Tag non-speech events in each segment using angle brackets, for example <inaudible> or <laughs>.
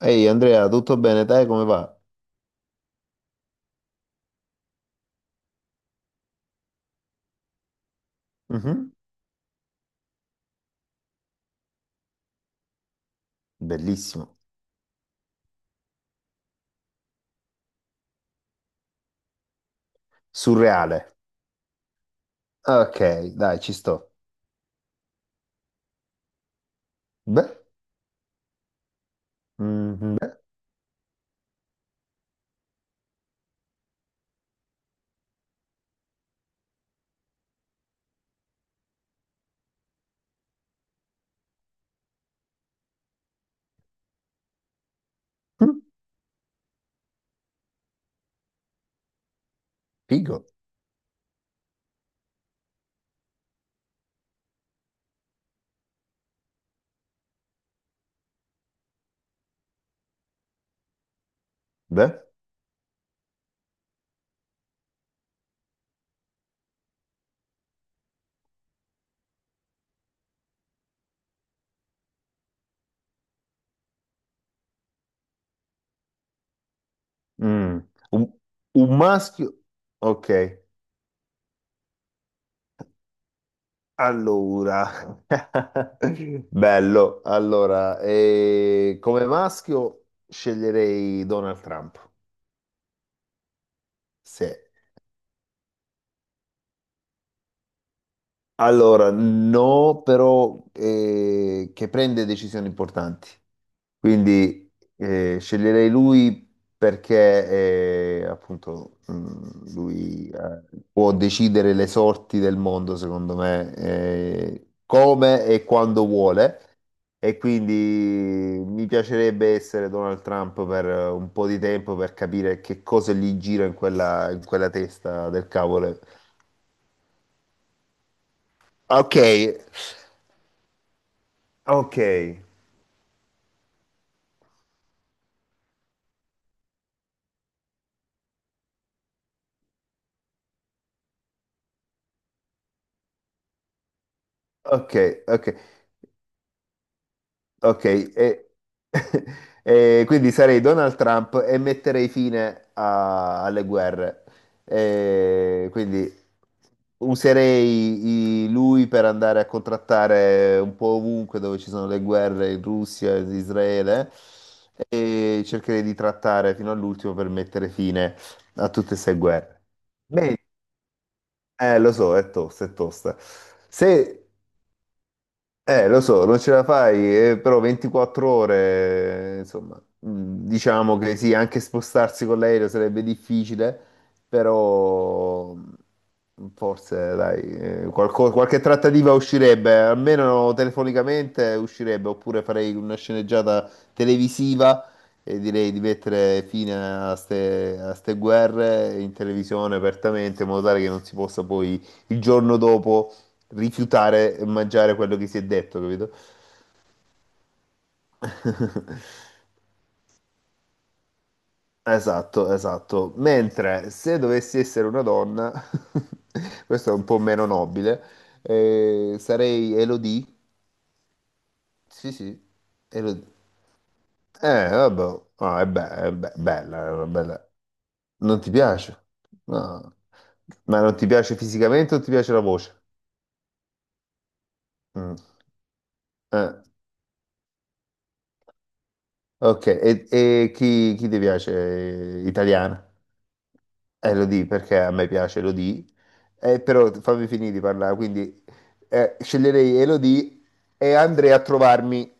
Ehi Andrea, tutto bene? Te come va? Mhm. Bellissimo, surreale. Ok, dai, ci sto. Beh, mhm, beh, mm, figo. Beh, mm, un, un maschio. Ok, allora. <laughs> Bello. Allora, come maschio sceglierei Donald Trump. Sì. Allora, no, però che prende decisioni importanti. Quindi sceglierei lui perché appunto lui può decidere le sorti del mondo, secondo me, come e quando vuole. E quindi mi piacerebbe essere Donald Trump per un po' di tempo per capire che cosa gli gira in quella testa del cavolo. Ok, ok, ok. Ok, e, <laughs> e quindi sarei Donald Trump e metterei fine alle guerre. E quindi userei lui per andare a contrattare un po' ovunque dove ci sono le guerre in Russia, in Israele, e cercherei di trattare fino all'ultimo per mettere fine a tutte queste guerre. Bene, lo so, è tosta, è tosta. Se lo so, non ce la fai, però 24 ore, insomma, mm, diciamo che sì, anche spostarsi con l'aereo sarebbe difficile, però mm, forse, dai, qualche trattativa uscirebbe, almeno telefonicamente uscirebbe, oppure farei una sceneggiata televisiva e direi di mettere fine a ste guerre in televisione apertamente, in modo tale che non si possa poi il giorno dopo rifiutare e mangiare quello che si è detto, capito? <laughs> Esatto, esatto. Mentre se dovessi essere una donna, <laughs> questo è un po' meno nobile, sarei Elodie. Sì, sì, Elodie. Vabbè, ah, è, è bella, è una bella. Non ti piace? No. Ma non ti piace fisicamente o ti piace la voce? Mm. Eh, ok, e chi, chi ti piace? Italiana? Elodie perché a me piace Elodie, però fammi finire di parlare, quindi sceglierei Elodie e andrei a trovarmi,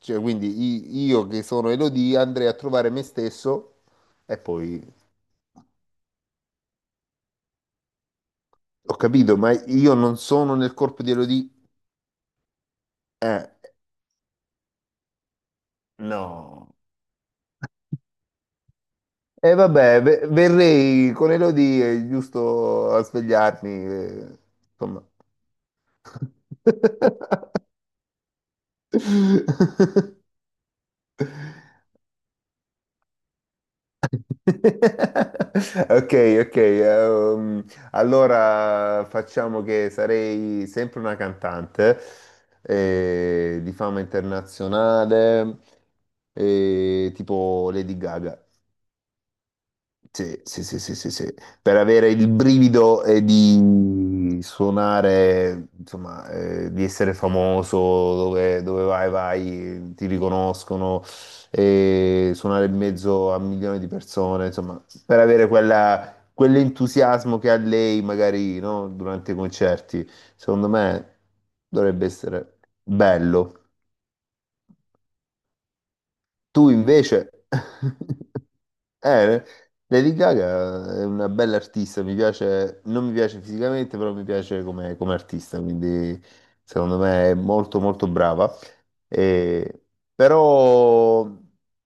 cioè quindi io che sono Elodie andrei a trovare me stesso e poi ho capito, ma io non sono nel corpo di Elodie, eh, no. E vabbè, verrei con Elodie giusto a svegliarmi, insomma. <laughs> <laughs> Ok, ok. Ehm, allora facciamo che sarei sempre una cantante di fama internazionale, tipo Lady Gaga. Sì, sì, sì, sì, sì, sì. Per avere il brivido di suonare, insomma, di essere famoso, dove, dove vai, vai, ti riconoscono, e suonare in mezzo a milioni di persone, insomma, per avere quell'entusiasmo che ha lei magari, no, durante i concerti, secondo me dovrebbe essere bello. Tu invece... <laughs> Eh, Lady Gaga è una bella artista, mi piace, non mi piace fisicamente, però mi piace come, come artista, quindi secondo me è molto molto brava. Eh, però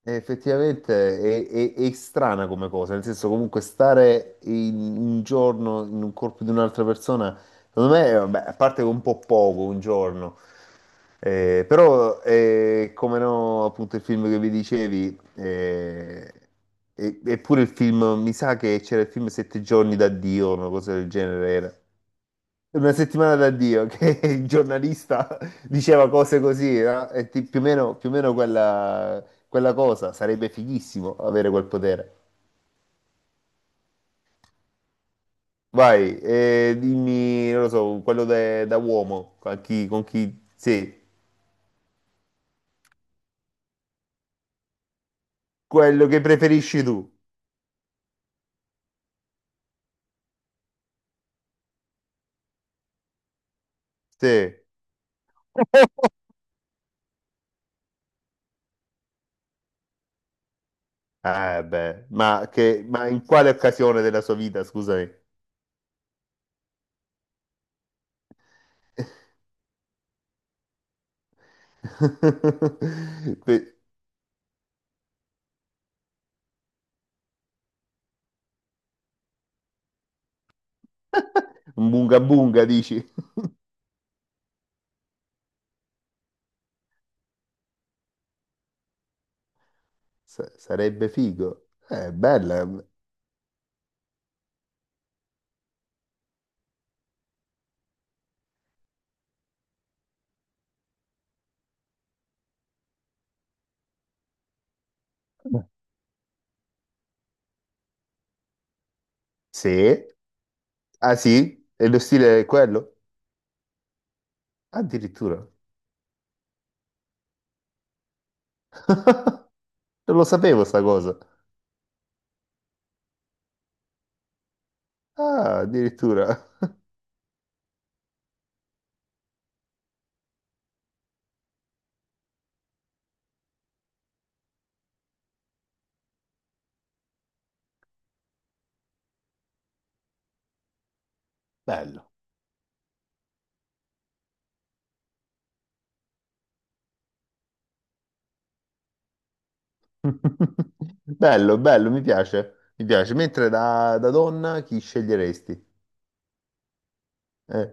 effettivamente è strana come cosa, nel senso comunque stare in un giorno in un corpo di un'altra persona, secondo me, vabbè, a parte che è un po' poco, un giorno, però come no, appunto il film che vi dicevi, eppure il film, mi sa che c'era il film Sette giorni da Dio, una cosa del genere era. Una settimana da Dio che <laughs> il giornalista diceva cose così, no? E più o meno quella, quella cosa, sarebbe fighissimo avere quel potere. Vai, dimmi, non lo so, quello da uomo, con chi sì, quello che preferisci tu, sì. Eh beh, ma in quale occasione della sua vita, scusami? <laughs> Que- bunga bunga, dici? <laughs> Sarebbe figo. Bella. Sì. Ah sì? E lo stile è quello? Addirittura. <laughs> Non lo sapevo sta cosa. Ah, addirittura. Bello. <laughs> Bello, bello, mi piace. Mi piace. Mentre da donna chi sceglieresti? Eh.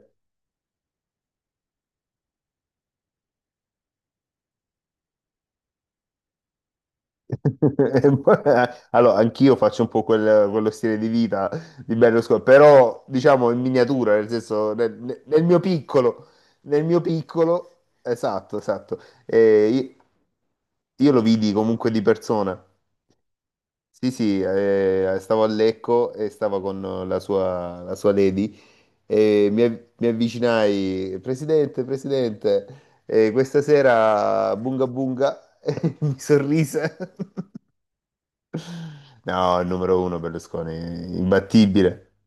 <laughs> Allora, anch'io faccio un po' quello stile di vita di Berlusconi, però diciamo in miniatura, nel senso nel mio piccolo, esatto, esatto. Eh, io io lo vidi comunque di persona. Sì, sì, stavo a Lecco e stavo con la sua lady e mi, mi avvicinai, Presidente, Presidente, questa sera Bunga Bunga <laughs> e mi sorrise. <laughs> No, il numero uno Berlusconi, imbattibile.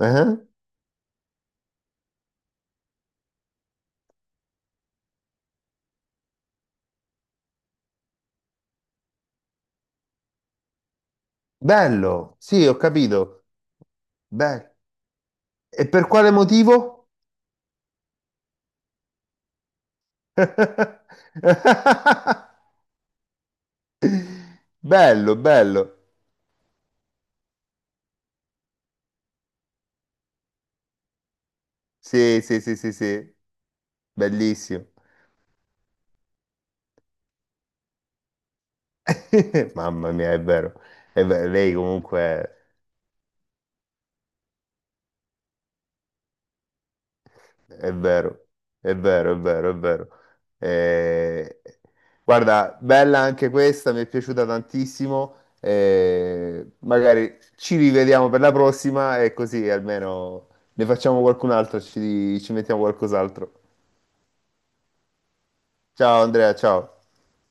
Eh? Bello, sì, ho capito. Beh, e per quale motivo? <laughs> Bello, bello. Sì, sì, sì, sì, sì, bellissimo. <laughs> Mamma mia, è vero. È vero, lei comunque è vero, è vero, è vero, è vero. Eh, Guarda, bella anche questa, mi è piaciuta tantissimo. Magari ci rivediamo per la prossima e così almeno ne facciamo qualcun'altra, ci, ci mettiamo qualcos'altro. Ciao Andrea, ciao.